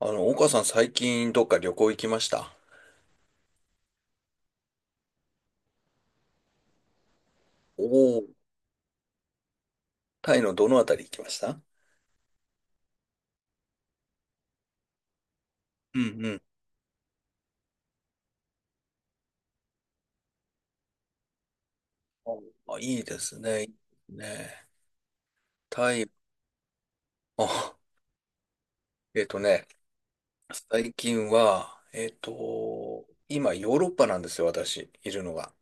岡さん最近どっか旅行行きました？おおー。タイのどのあたり行きました？うんうん。あ、いいですね。いいですね。タイ、あ、えっとね、最近は、今ヨーロッパなんですよ、私、いるのが。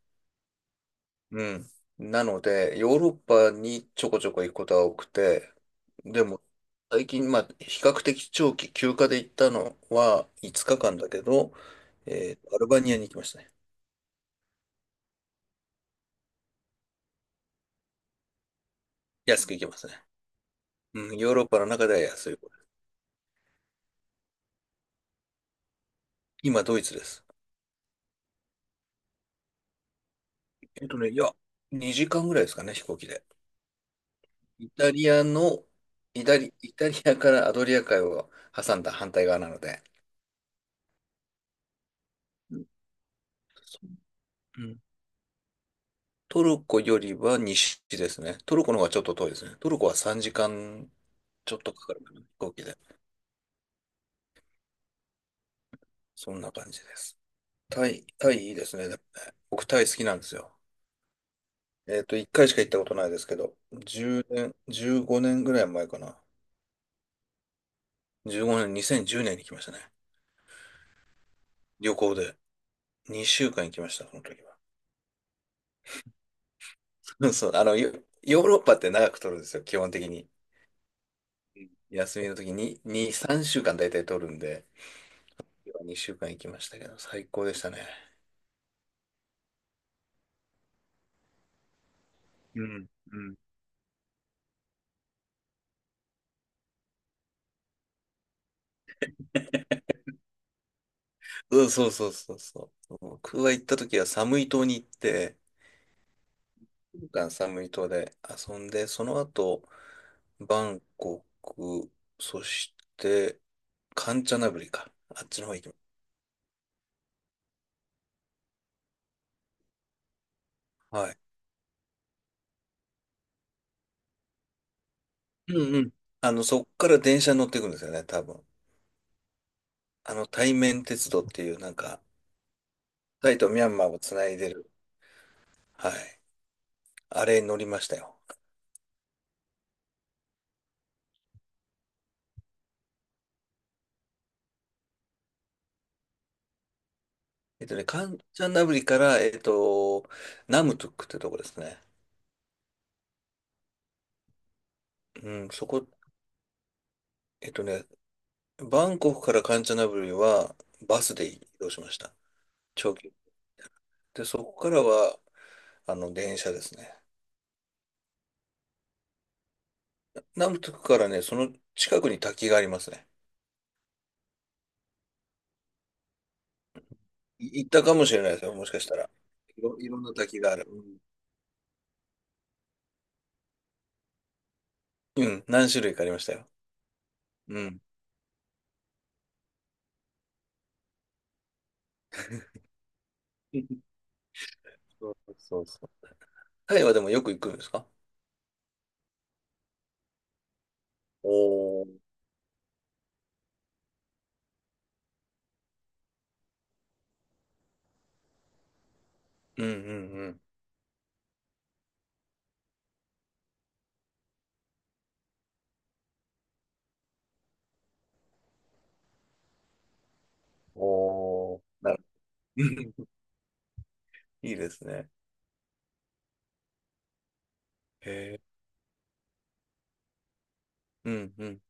うん。なので、ヨーロッパにちょこちょこ行くことが多くて、でも、最近、まあ、比較的長期休暇で行ったのは5日間だけど、アルバニアに行きましたね。安く行きますね。うん、ヨーロッパの中では安い方。今、ドイツです。いや、2時間ぐらいですかね、飛行機で。イタリアの、イタリアからアドリア海を挟んだ反対側なので、うん。そう。うん。トルコよりは西ですね。トルコの方がちょっと遠いですね。トルコは3時間ちょっとかかるかな、飛行機で。そんな感じです。タイいいですね。でもね僕、タイ好きなんですよ。1回しか行ったことないですけど、1年、15年ぐらい前かな。15年、2010年に来ましたね。旅行で2週間行きました、その時は。そう、ヨーロッパって長く取るんですよ、基本的に。休みの時に2、3週間大体取るんで、2週間行きましたけど、最高でしたね。うん、うん。うん、そうそうそうそう。僕が行った時は寒い島に行って、いっしゅう週寒い島で遊んで、その後、バンコク、そして、カンチャナブリか。あっちの方行きます。はい。うんうん。あの、そっから電車に乗っていくんですよね、多分。あの、対面鉄道っていう、なんか、タイとミャンマーをつないでる。はい。あれに乗りましたよ。カンチャンナブリから、ナムトゥックってとこですね。うん、そこ、えっとね、バンコクからカンチャンナブリはバスで移動しました。長距離。で、そこからは、あの、電車ですね。ナムトゥクからね、その近くに滝がありますね。行ったかもしれないですよ、もしかしたら。いろんな滝がある。うん、うん。何種類かありましたよ。うん。そうそうそう。タイはでもよく行くんですか？おー、うんうんうん。おー、うん。 いいですね。へえ。うんうん。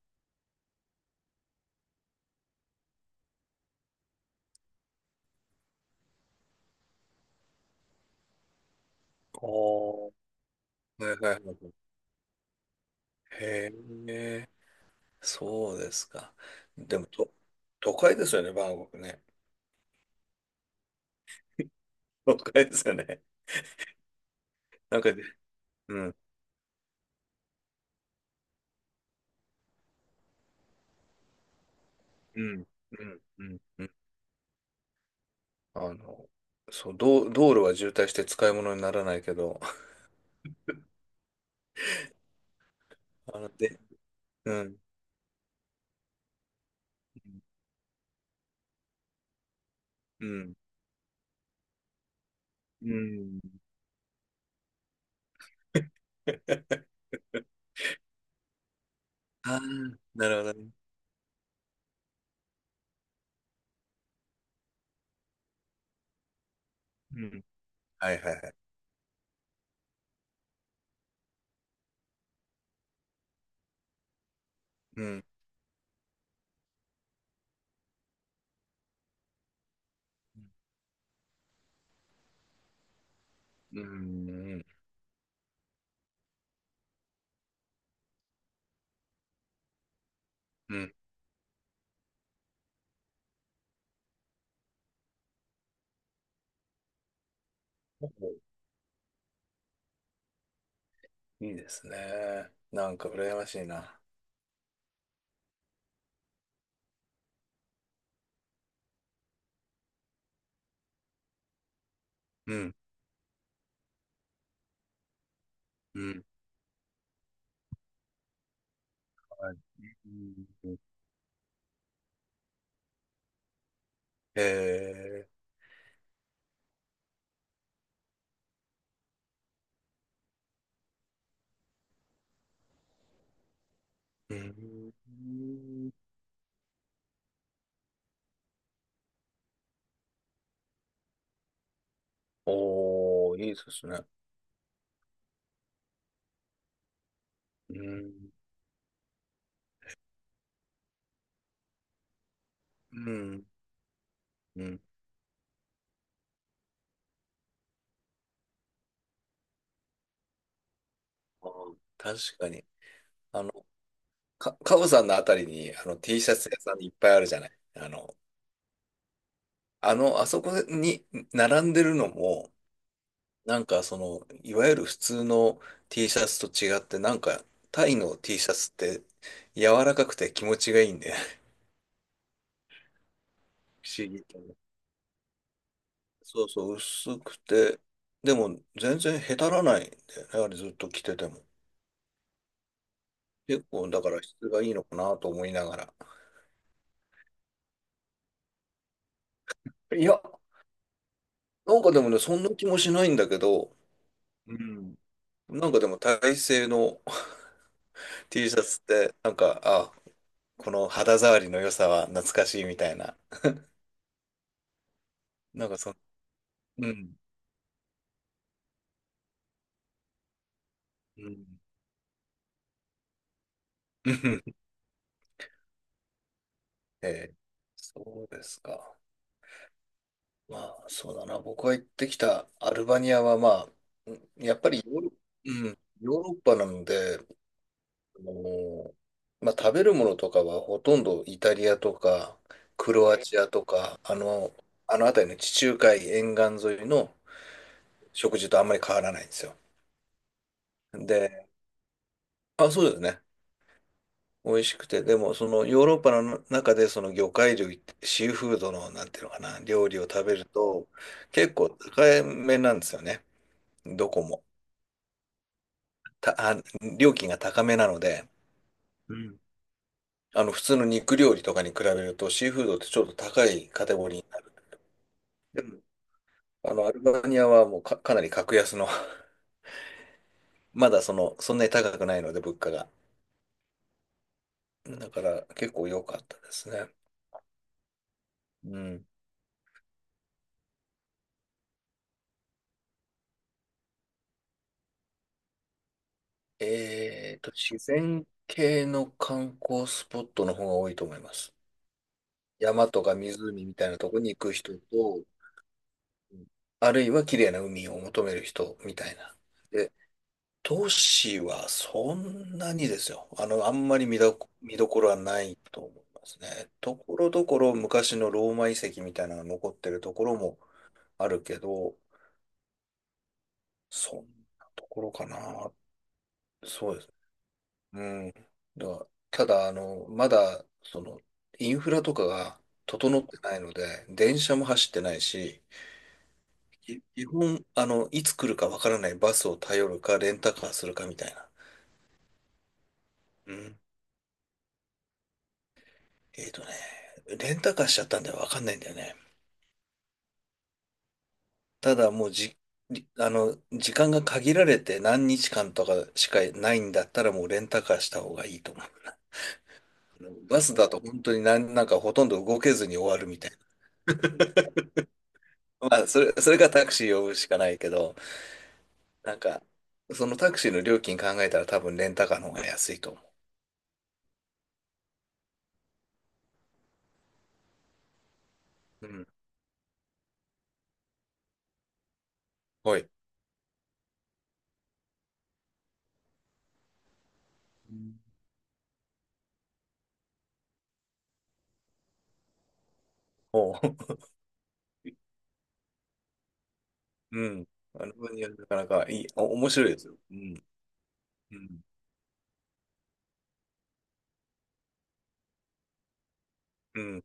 おー。はいはいはい。へえ。そうですか。でも、都会ですよね、バンコクね。都会ですよね。なんか。うん、うん、うん、うん、うん。あの、そう、道路は渋滞して使い物にならないけど、あの、で、うん、うん、うん。あ。 あ、なるほどね。うん。はいはいはい。うん。うん。うん。うん。いいですね。なんか羨ましいな。うん。うん。はい。うん。へ。うん。おー。いいですね。うん。うん。うん。あー。確かに。あの、カオさんのあたりに、あの、T シャツ屋さんいっぱいあるじゃない。あの、あそこに並んでるのも、なんかその、いわゆる普通の T シャツと違って、なんかタイの T シャツって柔らかくて気持ちがいいんで、不思議と。そうそう、薄くて、でも全然へたらないんだよね、あれずっと着てても。結構だから質がいいのかなと思いながら。いや、なんかでもね、そんな気もしないんだけど、うん。なんかでも体製の T シャツって、なんか、あ、この肌触りの良さは懐かしいみたいな。なんかそ、うん。うん。 うん。ええ、そうですか。まあ、そうだな。僕が行ってきたアルバニアは、まあ、うん、やっぱりヨーロッパなので、あのーまあ、食べるものとかはほとんどイタリアとか、クロアチアとか、あの辺りの地中海沿岸沿いの食事とあんまり変わらないんですよ。で、あ、そうですね。美味しくて、でもそのヨーロッパの中でその魚介類シーフードのなんていうのかな、料理を食べると結構高めなんですよね。どこも。た、あ、料金が高めなので、うん。あの普通の肉料理とかに比べるとシーフードってちょっと高いカテゴリーになる。でもあのアルバニアはもうかなり格安の。 まだその、そんなに高くないので物価が。だから結構良かったですね。うん。自然系の観光スポットの方が多いと思います。山とか湖みたいなとこに行く人と、うん、あるいは綺麗な海を求める人みたいな。で、都市はそんなにですよ。あの、あんまり見どころはないと思いますね。ところどころ昔のローマ遺跡みたいなのが残ってるところもあるけど、そんなところかな。そうですね。うん。だからただ、あの、まだ、その、インフラとかが整ってないので、電車も走ってないし、基本、あの、いつ来るかわからないバスを頼るか、レンタカーするかみたいな。うん。えっとね、レンタカーしちゃったんでわかんないんだよね。ただ、もうじ、りあの、時間が限られて何日間とかしかないんだったら、もうレンタカーした方がいいと思うな。あのバスだと本当になんかほとんど動けずに終わるみたいな。まあ、それかタクシー呼ぶしかないけど、なんか、そのタクシーの料金考えたら多分レンタカーの方が安いと思う。うん。はい。うん。おう。うん。あの、なかなかいい、面白いですよ。うん。うん。うん。